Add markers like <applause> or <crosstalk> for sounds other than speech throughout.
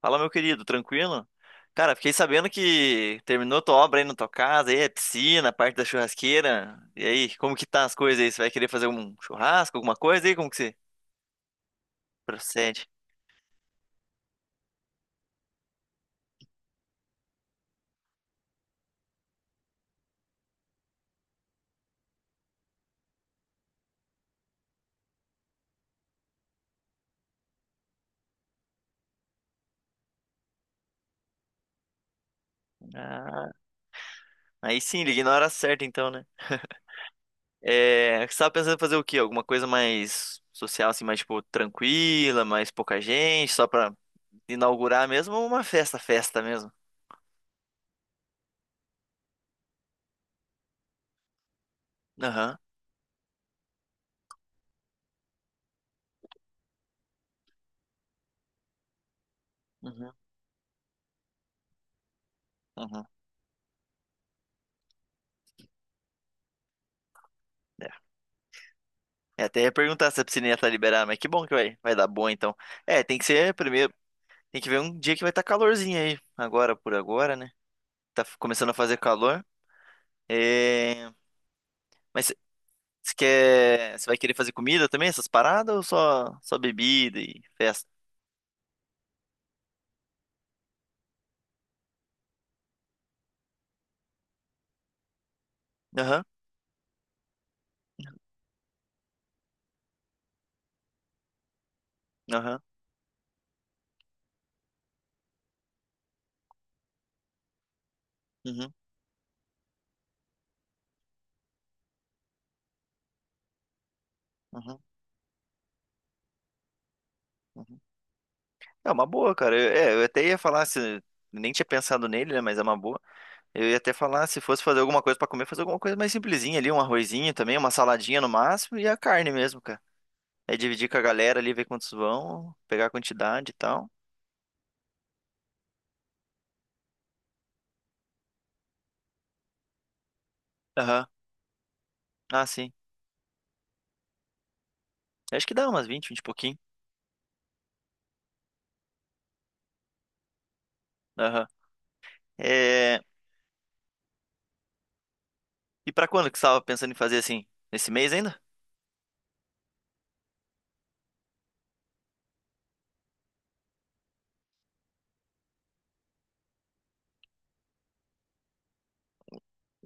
Fala, meu querido, tranquilo? Cara, fiquei sabendo que terminou tua obra aí na tua casa, aí é piscina, a parte da churrasqueira. E aí, como que tá as coisas aí? Você vai querer fazer um churrasco, alguma coisa aí? Como que você procede? Ah, aí sim, liguei na hora certa então, né? É, você tava pensando em fazer o quê? Alguma coisa mais social, assim, mais tipo tranquila, mais pouca gente, só pra inaugurar mesmo ou uma festa, festa mesmo? Aham. Uhum. Uhum. Eu até ia perguntar se a piscininha tá liberada, mas que bom que vai dar boa então. É, tem que ser primeiro, tem que ver um dia que vai estar calorzinho aí, agora por agora, né? Tá começando a fazer calor. É, mas você vai querer fazer comida também, essas paradas, ou só bebida e festa? Aham. Aham. Uhum. Uhum. Uhum. É uma boa, cara. Eu até ia falar se. Nem tinha pensado nele, né? Mas é uma boa. Eu ia até falar, se fosse fazer alguma coisa pra comer, fazer alguma coisa mais simplesinha ali, um arrozinho também, uma saladinha no máximo e a carne mesmo, cara. Aí dividir com a galera ali, ver quantos vão, pegar a quantidade e tal. Aham. Ah, sim. Acho que dá umas 20, 20 e pouquinho. Aham. É. E pra quando que você tava pensando em fazer assim? Nesse mês ainda?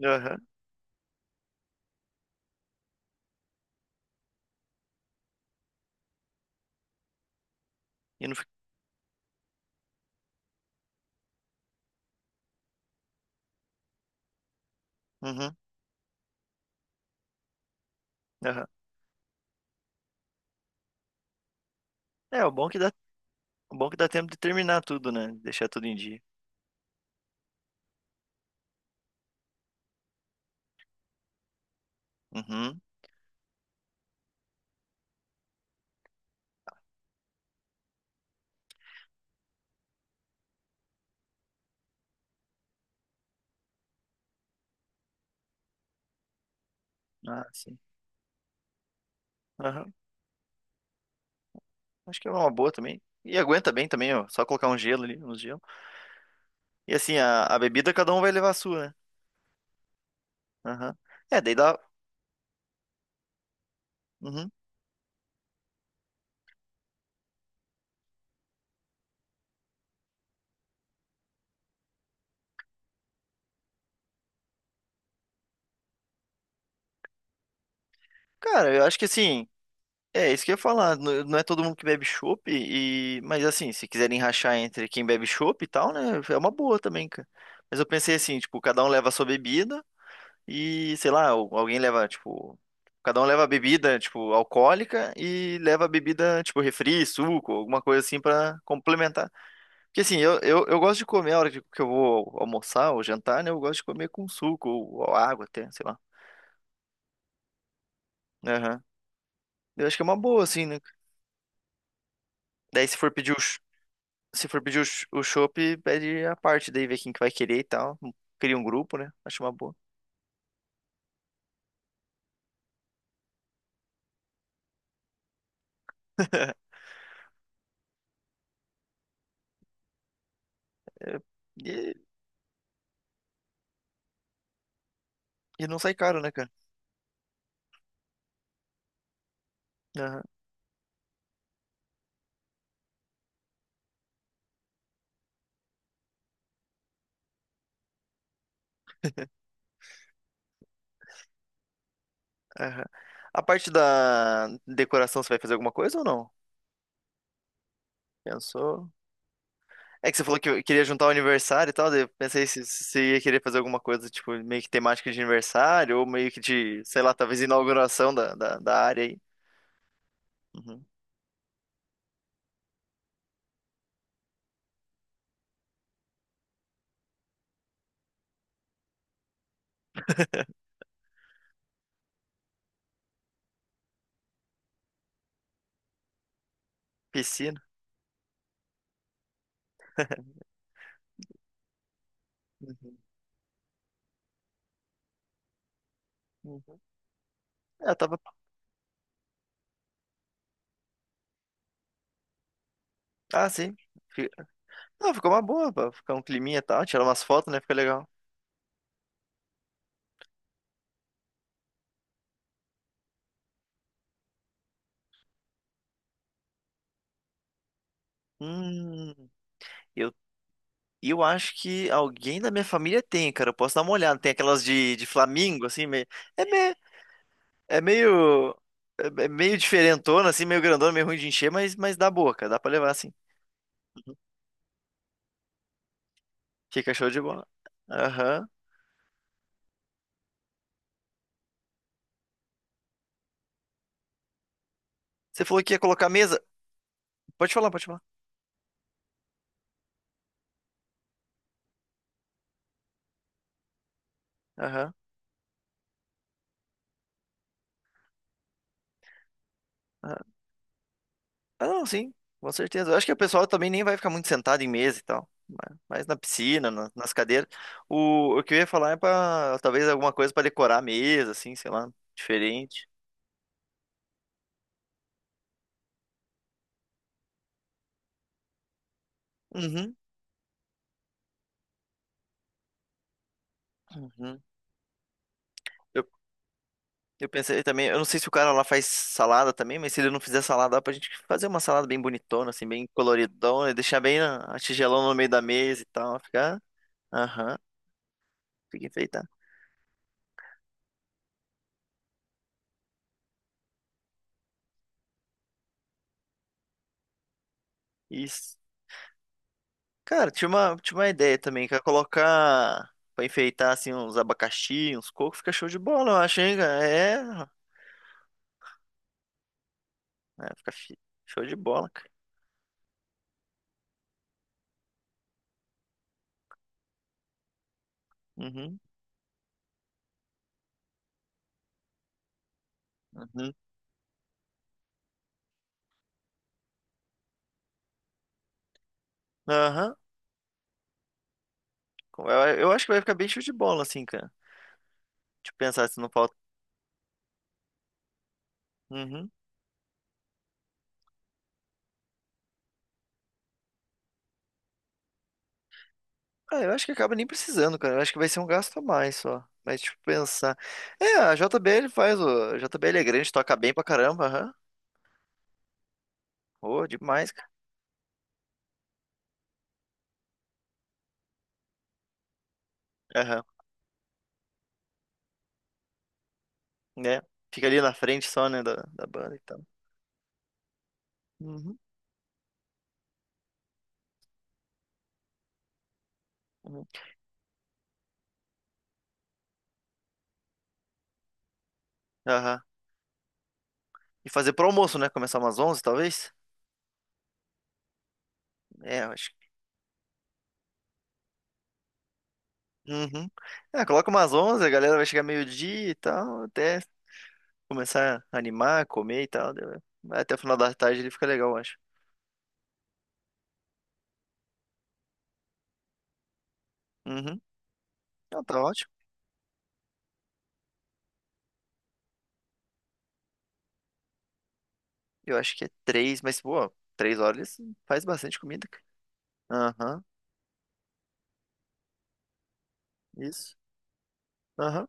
Aham. E não fica. Uhum. Aham. É, o bom é que dá tempo de terminar tudo, né? Deixar tudo em dia. Uhum. Ah, sim. Aham. Acho que é uma boa também. E aguenta bem também, ó. Só colocar um gelo ali, uns gelo. E assim, a bebida cada um vai levar a sua, né? Aham. É, daí dá. Uhum. Cara, eu acho que assim. É, isso que eu ia falar. Não é todo mundo que bebe chopp e, mas assim, se quiserem rachar entre quem bebe chopp e tal, né, é uma boa também, cara. Mas eu pensei assim, tipo, cada um leva a sua bebida e, sei lá, alguém leva, tipo, cada um leva a bebida, tipo, alcoólica e leva a bebida, tipo, refri, suco, alguma coisa assim pra complementar. Porque assim, eu gosto de comer a hora que eu vou almoçar ou jantar, né, eu gosto de comer com suco ou água até, sei lá. Aham. Eu acho que é uma boa, assim, né? Daí, se for pedir o chopp, pede a parte, daí vê quem que vai querer e tal. Cria um grupo, né? Acho uma boa. <laughs> É, E, e não sai caro, né, cara? Aham. Aham. A parte da decoração, você vai fazer alguma coisa ou não? Pensou? É que você falou que queria juntar o aniversário e tal, daí eu pensei se você ia querer fazer alguma coisa, tipo, meio que temática de aniversário, ou meio que de, sei lá, talvez inauguração da área aí. Uhum. Piscina. Uhum. Uhum. É, eu tava. Ah, sim. Ah, ficou uma boa, pra ficar um climinha e tal, tirar umas fotos, né? Fica legal. Hum, eu, eu acho que alguém da minha família tem, cara. Eu posso dar uma olhada. Tem aquelas de, Flamingo, assim, meio, é, me, é meio. É meio diferentona, assim, meio grandona, meio ruim de encher, mas dá boa, cara. Dá pra levar, assim. Fica show de bola. Aham. Você falou que ia colocar mesa. Pode falar, pode falar. Aham. Ah, não, sim, com certeza. Eu acho que o pessoal também nem vai ficar muito sentado em mesa e tal. Mas na piscina, nas cadeiras. O que eu ia falar é pra talvez alguma coisa pra decorar a mesa, assim, sei lá, diferente. Uhum. Uhum. Eu, eu pensei também, eu não sei se o cara lá faz salada também, mas se ele não fizer salada, dá pra gente fazer uma salada bem bonitona, assim, bem coloridona, e deixar bem a tigelão no meio da mesa e tal, ficar. Aham, fica enfeitar. Isso. Cara, tinha uma ideia também, que é colocar pra enfeitar assim uns abacaxi, uns cocos, fica show de bola, eu acho, hein, cara? Fica show de bola, cara. Uhum. Uhum. Aham. Eu, eu acho que vai ficar bem show de bola, assim, cara. Deixa eu pensar se não falta. Uhum. Ah, eu acho que acaba nem precisando, cara. Eu acho que vai ser um gasto a mais só. Mas, tipo, pensar. É, a JBL é grande, toca bem pra caramba, aham. Ô, demais, cara. Aham, né? Fica ali na frente só, né, da banda e tal. Uhum. Uhum. Aham. E fazer pro almoço, né? Começar umas 11h, talvez? É, eu acho. Uhum. É, coloca umas 11h, a galera vai chegar meio-dia e tal, até começar a animar, comer e tal. Daí vai até o final da tarde ele fica legal, eu acho. Uhum. Não, tá ótimo. Eu acho que é três, mas, pô, 3 horas faz bastante comida, cara. Aham, isso. Aham.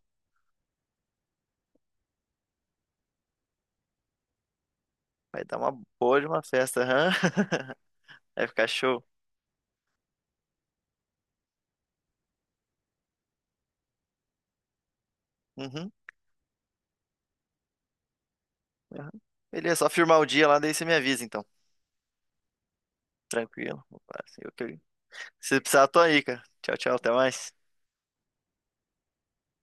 Vai dar uma boa de uma festa, aham. <laughs> Vai ficar show. Uhum, aham. Beleza, só firmar o dia lá, daí você me avisa, então. Tranquilo. Opa, assim, ok. Se precisar, tô aí, cara. Tchau, tchau, até mais.